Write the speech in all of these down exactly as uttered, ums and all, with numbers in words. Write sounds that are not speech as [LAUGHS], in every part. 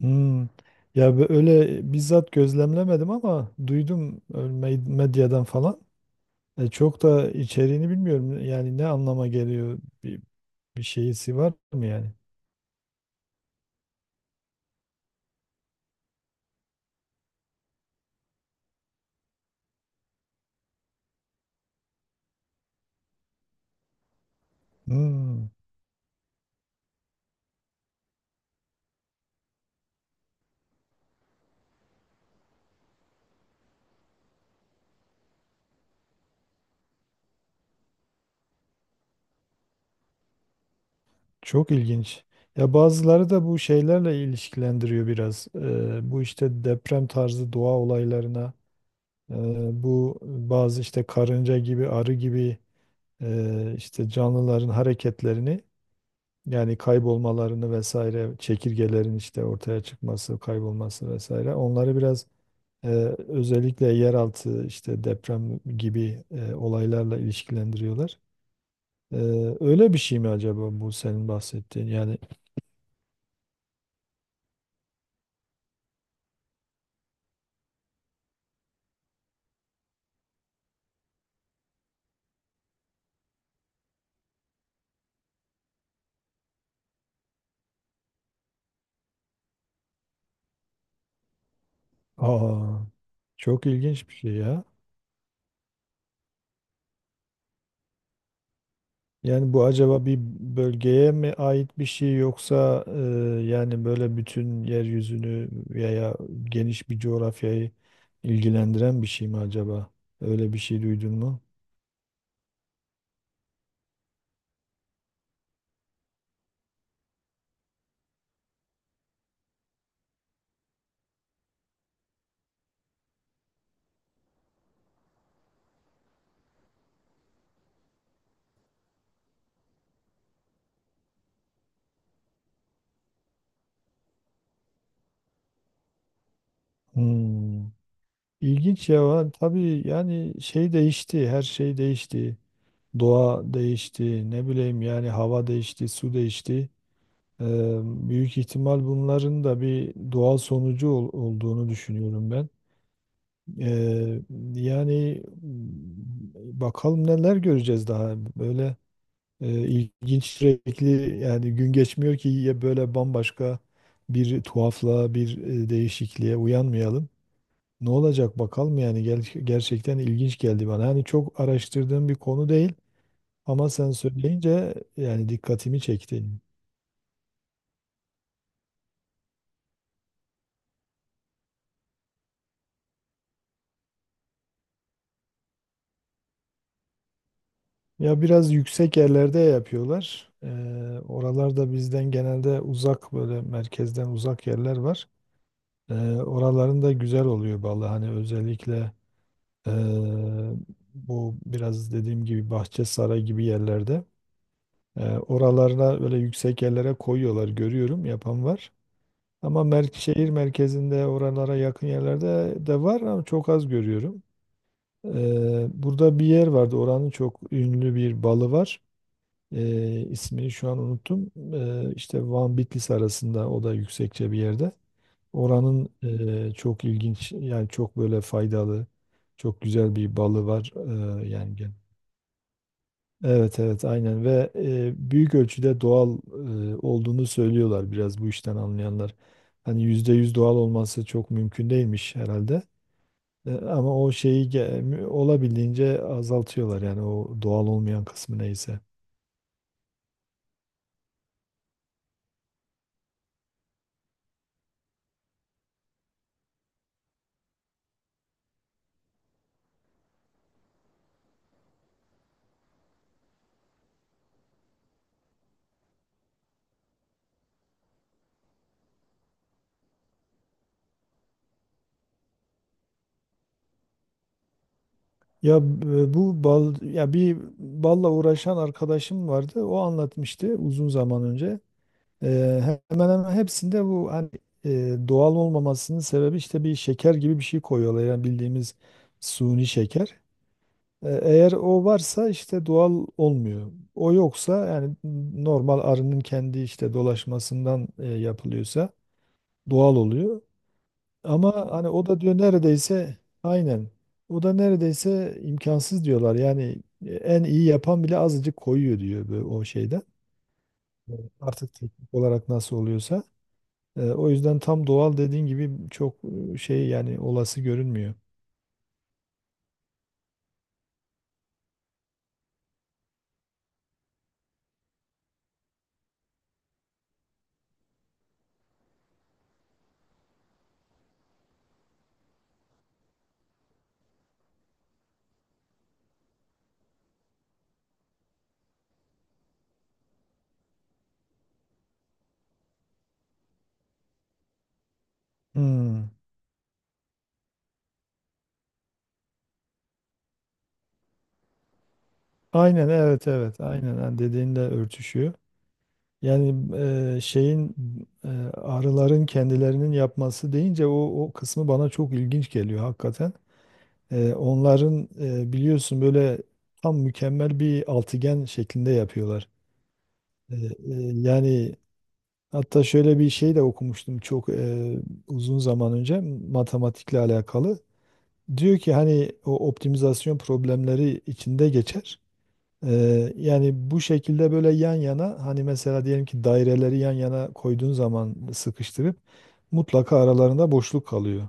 Hmm. Ya bö- öyle bizzat gözlemlemedim ama duydum, e, med- medyadan falan. E, çok da içeriğini bilmiyorum. Yani ne anlama geliyor bir, bir şeysi var mı yani? Hmm. Çok ilginç. Ya bazıları da bu şeylerle ilişkilendiriyor biraz. E, bu işte deprem tarzı doğa olaylarına, e, bu bazı işte karınca gibi, arı gibi, e, işte canlıların hareketlerini. Yani kaybolmalarını vesaire, çekirgelerin işte ortaya çıkması, kaybolması vesaire. Onları biraz, e, özellikle yeraltı işte deprem gibi, e, olaylarla ilişkilendiriyorlar. E, öyle bir şey mi acaba bu senin bahsettiğin? Yani, aa, çok ilginç bir şey ya. Yani bu acaba bir bölgeye mi ait bir şey yoksa, e, yani böyle bütün yeryüzünü veya geniş bir coğrafyayı ilgilendiren bir şey mi acaba? Öyle bir şey duydun mu? Hmm. İlginç ya. Va- Tabii yani şey değişti, her şey değişti. Doğa değişti, ne bileyim yani hava değişti, su değişti. Ee, büyük ihtimal bunların da bir doğal sonucu ol- olduğunu düşünüyorum ben. Eee, yani m, bakalım neler göreceğiz daha böyle, e, ilginç sürekli yani gün geçmiyor ki ya böyle bambaşka bir tuhaflığa bir, e, değişikliğe uyanmayalım. Ne olacak bakalım yani Ger- gerçekten ilginç geldi bana. Hani çok araştırdığım bir konu değil ama sen söyleyince yani dikkatimi çekti. Ya biraz yüksek yerlerde yapıyorlar. Eee oralarda bizden genelde uzak böyle merkezden uzak yerler var. Ee, oraların da güzel oluyor vallahi hani özellikle, ee, bu biraz dediğim gibi Bahçesaray gibi yerlerde, ee, oralarına böyle yüksek yerlere koyuyorlar görüyorum yapan var. Ama mer şehir merkezinde oralara yakın yerlerde de var ama çok az görüyorum. Ee, burada bir yer vardı oranın çok ünlü bir balı var. Ee, ismini şu an unuttum. Ee, işte Van Bitlis arasında o da yüksekçe bir yerde. Oranın, e, çok ilginç yani çok böyle faydalı, çok güzel bir balı var, e, yengen. Evet, evet, aynen. Ve e, büyük ölçüde doğal e, olduğunu söylüyorlar biraz bu işten anlayanlar. Hani yüzde yüz doğal olması çok mümkün değilmiş herhalde. E, ama o şeyi ge- mü- olabildiğince azaltıyorlar yani o doğal olmayan kısmı neyse. Ya, e, bu bal ya bir balla uğraşan arkadaşım vardı. O anlatmıştı uzun zaman önce. Eee, hemen hemen hepsinde bu hani, eee, doğal olmamasının sebebi işte bir şeker gibi bir şey koyuyorlar. Yani bildiğimiz suni şeker. E, eğer o varsa işte doğal olmuyor. O yoksa yani normal arının kendi işte dolaşmasından e, yapılıyorsa doğal oluyor. Ama hani o da diyor neredeyse aynen. O da neredeyse imkansız diyorlar. Yani, e, en iyi yapan bile azıcık koyuyor diyor böyle o şeyden. Evet. Artık teknik olarak nasıl oluyorsa. E, o yüzden tam doğal dediğin gibi çok, e, şey yani olası görünmüyor. Hmm. Aynen, evet, evet, aynen, ha, dediğinle örtüşüyor. Yani, e, şeyin, e, arıların kendilerinin yapması deyince o, o kısmı bana çok ilginç geliyor hakikaten. E, onların, e, biliyorsun böyle tam mükemmel bir altıgen şeklinde yapıyorlar. E, e, yani hatta şöyle bir şey de okumuştum çok, e, uzun zaman önce matematikle alakalı. Diyor ki hani o optimizasyon problemleri içinde geçer. Ee, yani bu şekilde böyle yan yana hani mesela diyelim ki daireleri yan yana koyduğun zaman sıkıştırıp mutlaka aralarında boşluk kalıyor.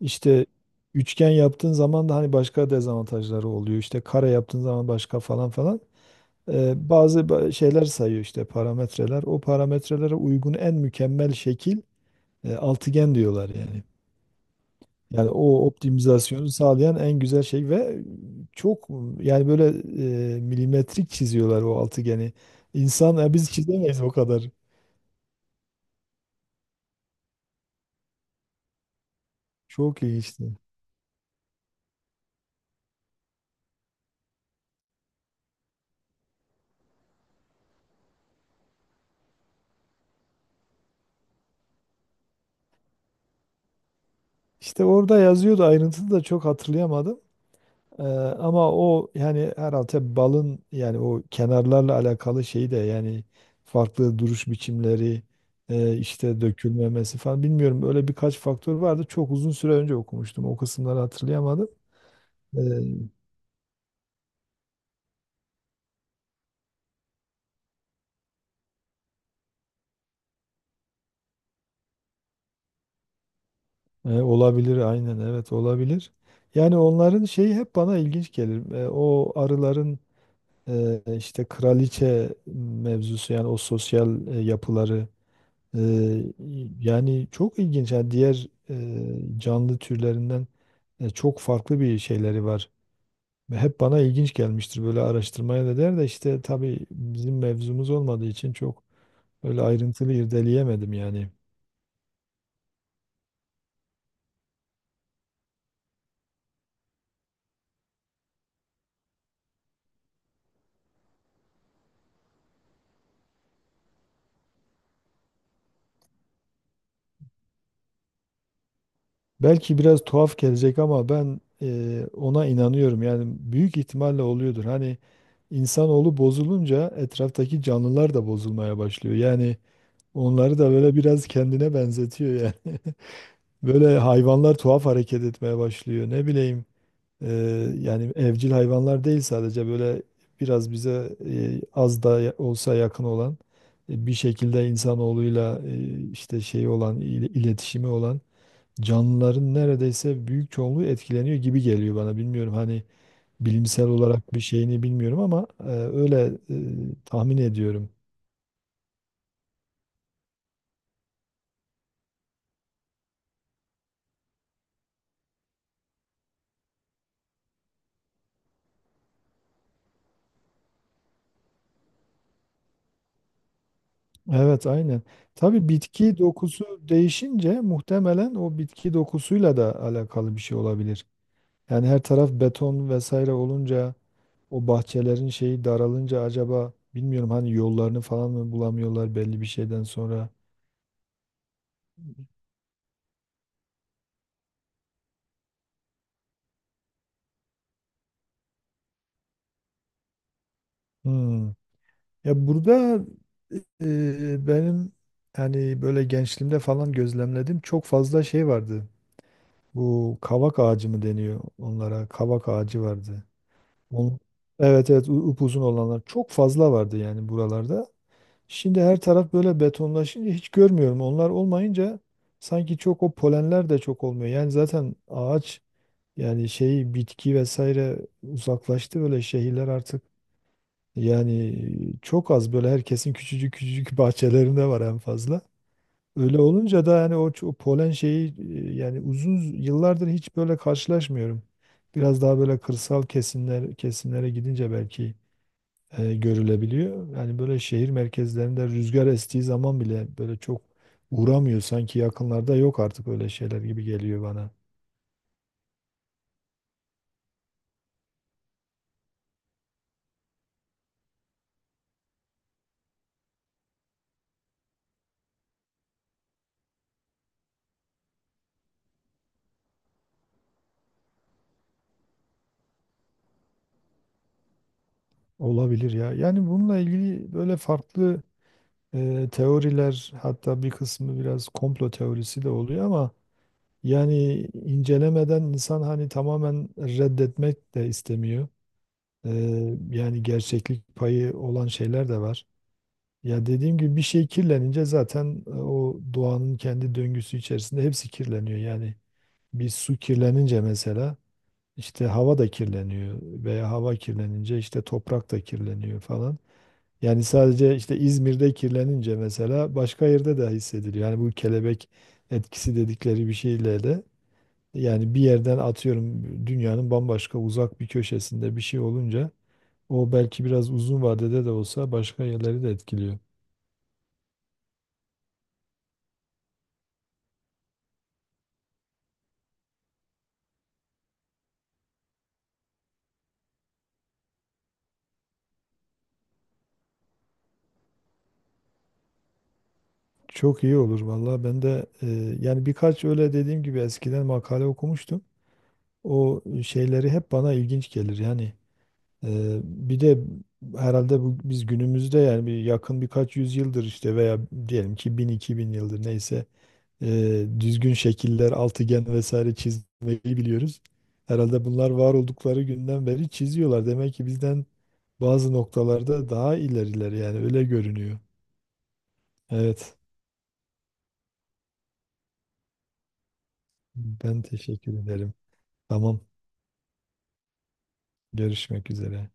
İşte üçgen yaptığın zaman da hani başka dezavantajları oluyor. İşte kare yaptığın zaman başka falan falan. Ee, bazı ba- şeyler sayıyor işte parametreler. O parametrelere uygun en mükemmel şekil, e, altıgen diyorlar yani. Yani o optimizasyonu sağlayan en güzel şey ve çok yani böyle, e, milimetrik çiziyorlar o altıgeni. İnsan ya biz çizemeyiz o kadar. Çok ilginçti. İşte orada yazıyordu ayrıntısı da çok hatırlayamadım. E, ama o yani herhalde balın yani o kenarlarla alakalı şeyi de yani farklı duruş biçimleri, e, işte dökülmemesi falan bilmiyorum öyle birkaç faktör vardı. Çok uzun süre önce okumuştum. O kısımları hatırlayamadım. E, E, olabilir aynen, evet, olabilir. Yani onların şeyi hep bana ilginç gelir. E, o arıların, e, işte kraliçe mevzusu yani o sosyal, e, yapıları, e, yani çok ilginç. Yani diğer, e, canlı türlerinden, e, çok farklı bir şeyleri var. Ve hep bana ilginç gelmiştir böyle araştırmaya da der de işte tabii bizim mevzumuz olmadığı için çok öyle ayrıntılı irdeleyemedim yani. Belki biraz tuhaf gelecek ama ben, e, ona inanıyorum. Yani büyük ihtimalle oluyordur. Hani insanoğlu bozulunca etraftaki canlılar da bozulmaya başlıyor. Yani onları da böyle biraz kendine benzetiyor yani. [LAUGHS] Böyle hayvanlar tuhaf hareket etmeye başlıyor. Ne bileyim, e, yani evcil hayvanlar değil sadece böyle biraz bize, e, az da ya- olsa yakın olan, e, bir şekilde insanoğluyla, e, işte şey olan il- iletişimi olan canlıların neredeyse büyük çoğunluğu etkileniyor gibi geliyor bana. Bilmiyorum hani bilimsel olarak bir şeyini bilmiyorum ama, e, öyle, e, tahmin ediyorum. Evet, aynen. Tabii bitki dokusu değişince muhtemelen o bitki dokusuyla da alakalı bir şey olabilir. Yani her taraf beton vesaire olunca o bahçelerin şeyi daralınca acaba bilmiyorum hani yollarını falan mı bulamıyorlar belli bir şeyden sonra. Hmm. Ya burada, e, benim hani böyle gençliğimde falan gözlemledim çok fazla şey vardı. Bu kavak ağacı mı deniyor onlara? Kavak ağacı vardı. On, evet, evet, u- upuzun olanlar çok fazla vardı yani buralarda. Şimdi her taraf böyle betonlaşınca hiç görmüyorum. Onlar olmayınca sanki çok o polenler de çok olmuyor. Yani zaten ağaç yani şey bitki vesaire uzaklaştı böyle şehirler artık yani çok az böyle herkesin küçücük küçücük [LAUGHS] bahçelerinde var en fazla. Öyle olunca da yani o ço- polen şeyi, e, yani uzun z- yıllardır hiç böyle karşılaşmıyorum. Biraz daha böyle kırsal kesimler kesimlere gidince belki, e, görülebiliyor. Yani böyle şehir merkezlerinde rüzgar estiği zaman bile böyle çok uğramıyor sanki yakınlarda yok artık öyle şeyler gibi geliyor bana. Olabilir ya. Yani bununla ilgili böyle farklı, e, teoriler hatta bir kısmı biraz komplo teorisi de oluyor ama yani incelemeden insan hani tamamen reddetmek de istemiyor. E, yani gerçeklik payı olan şeyler de var. Ya dediğim gibi bir şey kirlenince zaten, e, o doğanın kendi döngüsü içerisinde hepsi kirleniyor. Yani bir su kirlenince mesela işte hava da kirleniyor veya hava kirlenince işte toprak da kirleniyor falan. Yani sadece işte İzmir'de kirlenince mesela başka yerde de hissediliyor. Yani bu kelebek etkisi dedikleri bir şeyle de yani bir yerden atıyorum dünyanın bambaşka uzak bir köşesinde bir şey olunca o belki biraz uzun vadede de olsa başka yerleri de etkiliyor. Çok iyi olur vallahi ben de, e, yani birkaç öyle dediğim gibi eskiden makale okumuştum. O şeyleri hep bana ilginç gelir. Yani, Ee, bir de herhalde bu, biz günümüzde yani bir yakın birkaç yüzyıldır işte veya diyelim ki bin-iki bin yıldır neyse, e, düzgün şekiller, altıgen vesaire çizmeyi biliyoruz. Herhalde bunlar var oldukları günden beri çiziyorlar. Demek ki bizden bazı noktalarda daha ileriler yani öyle görünüyor. Evet, ben teşekkür ederim. Tamam, görüşmek üzere.